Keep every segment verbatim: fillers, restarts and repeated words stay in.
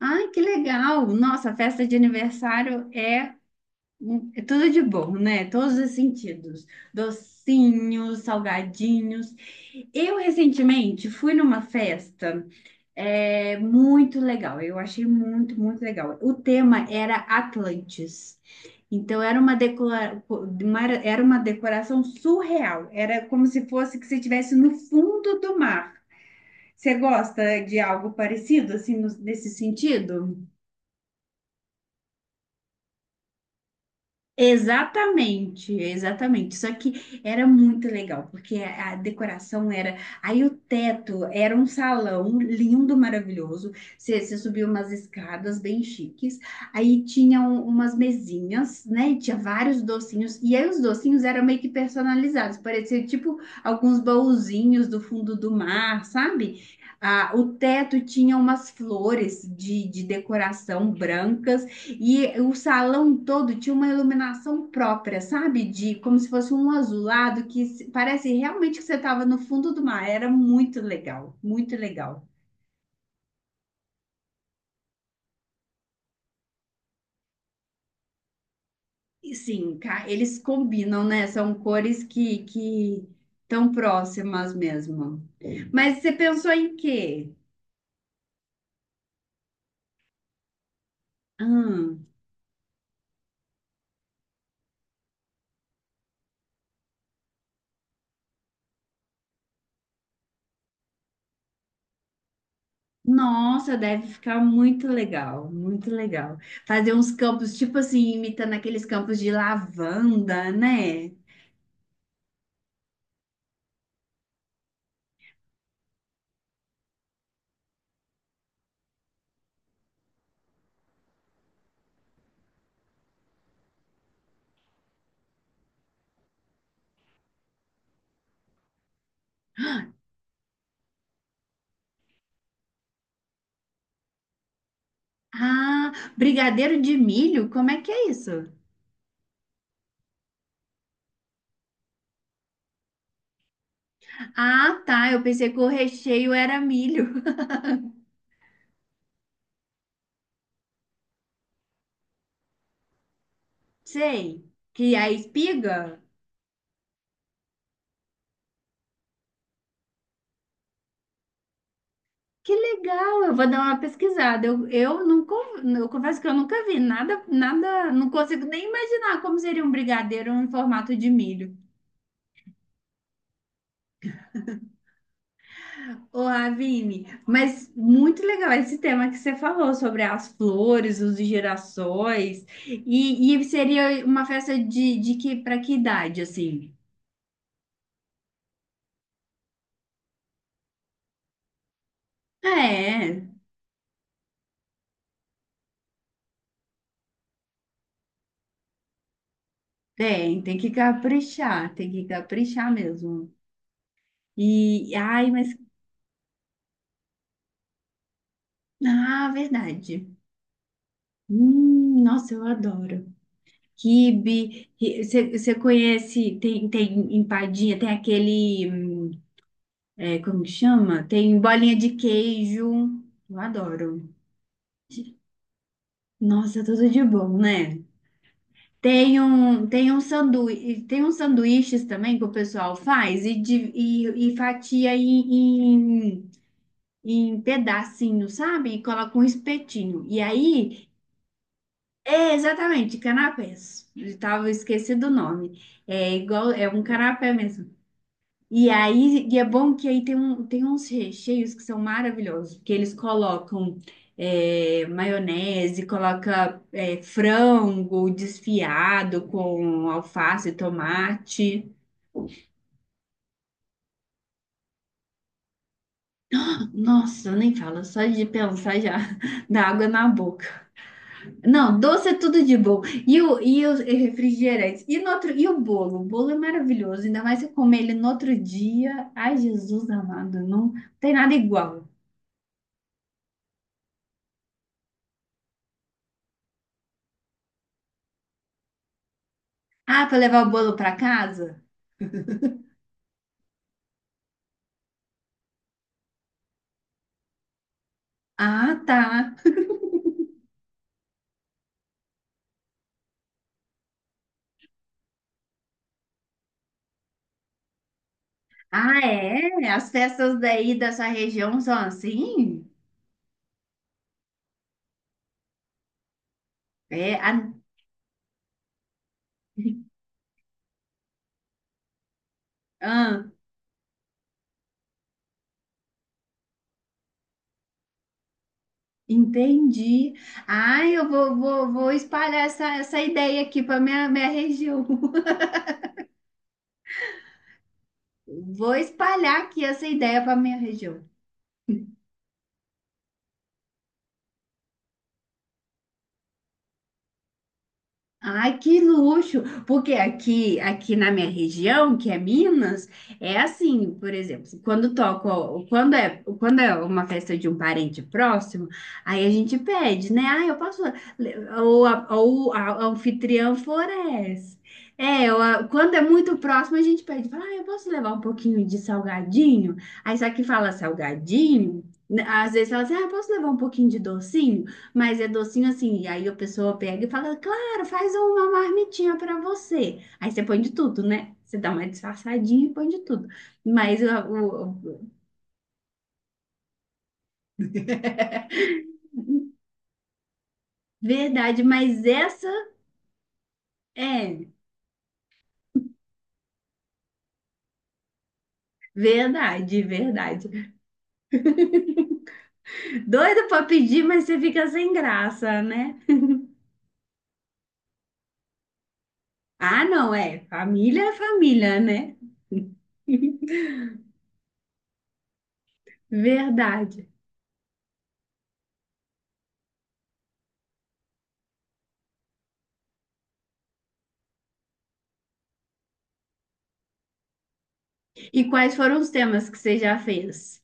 Ai, que legal! Nossa, a festa de aniversário é, um- é tudo de bom, né? Todos os sentidos. Docinhos, salgadinhos. Eu recentemente fui numa festa é, muito legal. Eu achei muito, muito legal. O tema era Atlantis. Então era uma decora... uma- era uma decoração surreal. Era como se fosse que você estivesse no fundo do mar. Você gosta de algo parecido assim no- nesse sentido? Exatamente, exatamente. Só que era muito legal, porque a a decoração era. Aí o teto era um salão lindo, maravilhoso. Você, você subia umas escadas bem chiques. Aí tinham umas mesinhas, né? E tinha vários docinhos. E aí os docinhos eram meio que personalizados. Parecia tipo alguns baúzinhos do fundo do mar, sabe? Ah, o teto tinha umas flores de, de decoração brancas. E o salão todo tinha uma iluminação própria, sabe? De como se fosse um azulado que se- parece realmente que você estava no fundo do mar. Era muito legal, muito legal. E sim, ca- eles combinam, né? São cores que que tão próximas mesmo. Mas você pensou em quê? Hum, nossa, deve ficar muito legal, muito legal. Fazer uns campos, tipo assim, imitando aqueles campos de lavanda, né? Ah, brigadeiro de milho? Como é que é isso? Ah, tá. Eu pensei que o recheio era milho. Sei. Que é a espiga? Que legal. Eu vou dar uma pesquisada. Eu, eu não, con- eu confesso que eu nunca vi nada, nada. Não consigo nem imaginar como seria um brigadeiro em formato de milho. Ô, Ravine, mas muito legal esse tema que você falou sobre as flores, os girassóis. E, e seria uma festa de, de que para que idade assim? É. Tem, tem que caprichar, tem que caprichar mesmo. E, ai, mas, ah, verdade. Hum, nossa, eu adoro. Quibe, você conhece, tem, tem empadinha, tem aquele, hum, é, como que chama? Tem bolinha de queijo, eu adoro. Nossa, tudo de bom, né? Tem um, tem um sanduíche, tem uns sanduíches também que o pessoal faz e, de- e, e fatia em, em- em pedacinho, sabe? E coloca um espetinho. E aí, é exatamente, canapés. Eu tava esquecido o nome. É igual, é um canapé mesmo. E aí, e é bom que aí tem, um, tem uns recheios que são maravilhosos, porque eles colocam é, maionese, coloca é, frango desfiado com alface, tomate. Nossa, eu nem falo, só de pensar já dá água na boca. Não, doce é tudo de bom. E o, e os e refrigerantes. E, no outro, e o bolo? O bolo é maravilhoso. Ainda mais se eu comer ele no outro dia. Ai, Jesus amado, não tem nada igual. Ah, para levar o bolo para casa? Ah, tá. Ah, é? As festas daí dessa região são assim? É, a- ah, entendi. Ai, eu vou, vou, vou espalhar essa, essa ideia aqui para minha, minha região. Vou espalhar aqui essa ideia para minha região. Ai, que luxo! Porque aqui, aqui na minha região, que é Minas, é assim, por exemplo, quando toco, quando é, quando é uma festa de um parente próximo, aí a gente pede, né? Ah, eu posso, ou a, ou a, a anfitriã floresce. É, ou a- quando é muito próximo, a gente pede, fala, ah, eu posso levar um pouquinho de salgadinho? Aí só que fala salgadinho, né, às vezes fala assim, ah, eu posso levar um pouquinho de docinho? Mas é docinho assim, e aí a pessoa pega e fala, cara, faz uma marmitinha pra você. Aí você põe de tudo, né? Você dá uma disfarçadinha e põe de tudo. Mas a- o, o- verdade, mas essa é Verdade, verdade. Doido pra pedir, mas você fica sem graça, né? Ah, não, é. Família é família, né? Verdade. E quais foram os temas que você já fez?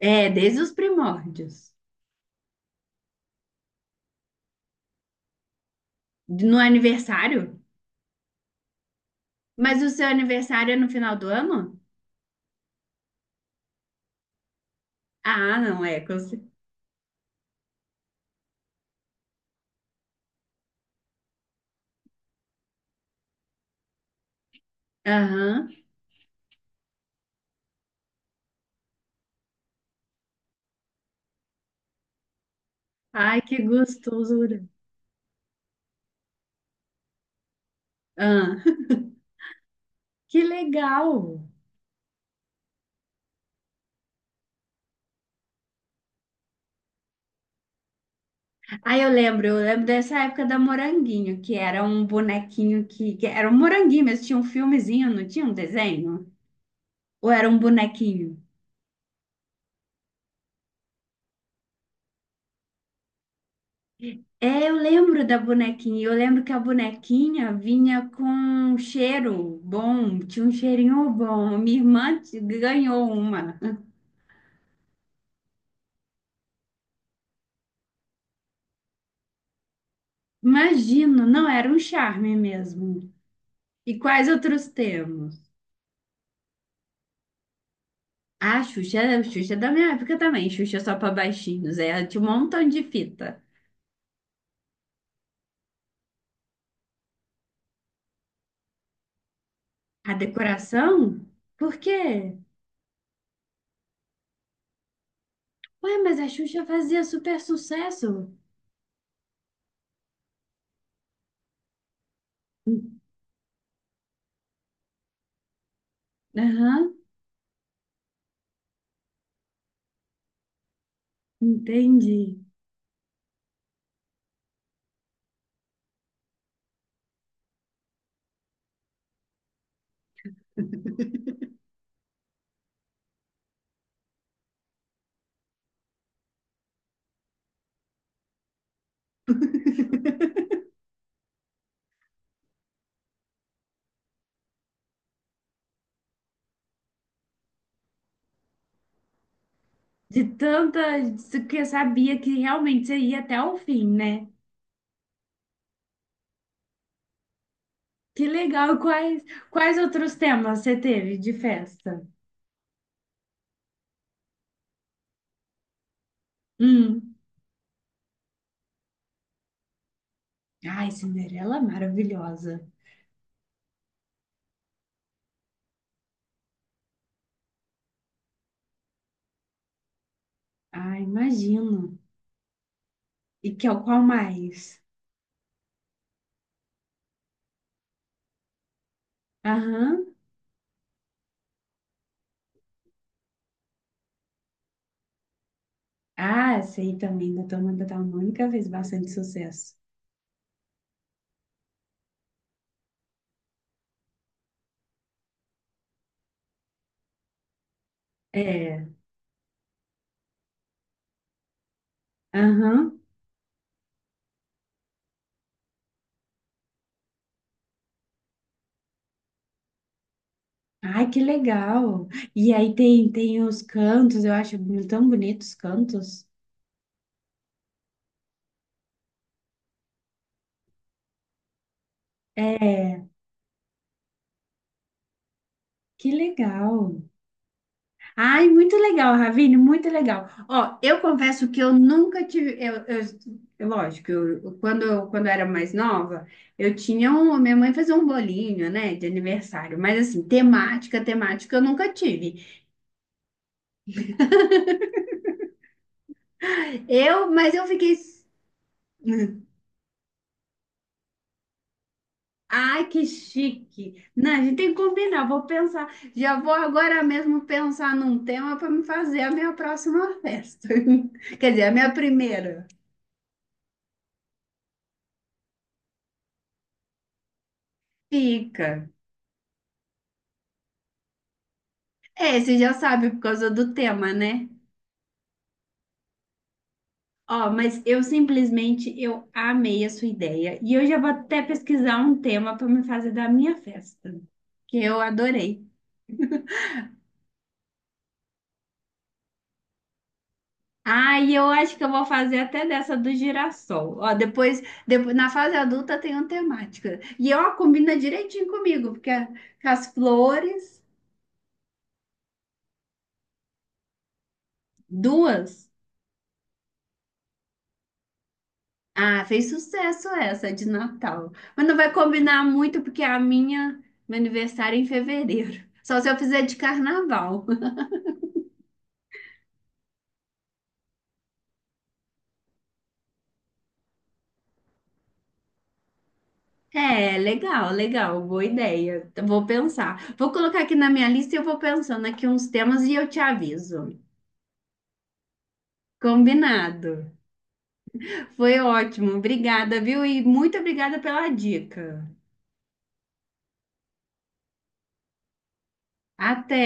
É, desde os primórdios. No aniversário? Mas o seu aniversário é no final do ano? Ah, não, é. com cer- Aham. Ai, que gostosura. Ah, que legal. Aí eu lembro, eu lembro dessa época da Moranguinho, que era um bonequinho que, que era um moranguinho, mas tinha um filmezinho, não tinha um desenho? Ou era um bonequinho? É, eu lembro da bonequinha. Eu lembro que a bonequinha vinha com um cheiro bom, tinha um cheirinho bom. Minha irmã te- ganhou uma. Imagino, não era um charme mesmo. E quais outros temas? A Xuxa, a Xuxa é da minha época também, Xuxa só para baixinhos, é, ela tinha um montão de fita. A decoração? Por quê? Ué, mas a Xuxa fazia super sucesso. Aham, entendi. De tanta de que eu sabia que realmente você ia até o fim, né? Que legal. E Quais, quais outros temas você teve de festa? Hum. Ai, Cinderela é maravilhosa. Ai, imagino. E que é o qual mais? Aham. Ah, sei também da Turma da Mônica fez bastante sucesso. É. Aham. Ai, que legal. E aí tem, tem os cantos, eu acho tão bonitos os cantos. É, que legal. Ai, muito legal, Ravine, muito legal. Ó, eu confesso que eu nunca tive, eu, eu- eu- lógico, eu, eu- quando, eu, quando eu era mais nova, eu tinha um, minha mãe fazia um bolinho, né, de aniversário, mas assim, temática, temática eu nunca tive. Eu, mas eu fiquei Ai, que chique! Não, a gente tem que combinar. Vou pensar, já vou agora mesmo pensar num tema para me fazer a minha próxima festa. Quer dizer, a minha primeira. Fica. É, você já sabe por causa do tema, né? Ó, mas eu simplesmente eu amei a sua ideia e eu já vou até pesquisar um tema para me fazer da minha festa, que eu adorei. Ah, e eu acho que eu vou fazer até dessa do girassol. Ó, depois, depois na fase adulta tem uma temática. E ó, combina direitinho comigo, porque a- com as flores, duas. Ah, fez sucesso essa de Natal. Mas não vai combinar muito, porque é a minha, meu aniversário é em fevereiro. Só se eu fizer de carnaval. É, legal, legal, boa ideia. Então, vou pensar. Vou colocar aqui na minha lista e eu vou pensando aqui uns temas e eu te aviso. Combinado. Foi ótimo. Obrigada, viu? E muito obrigada pela dica. Até.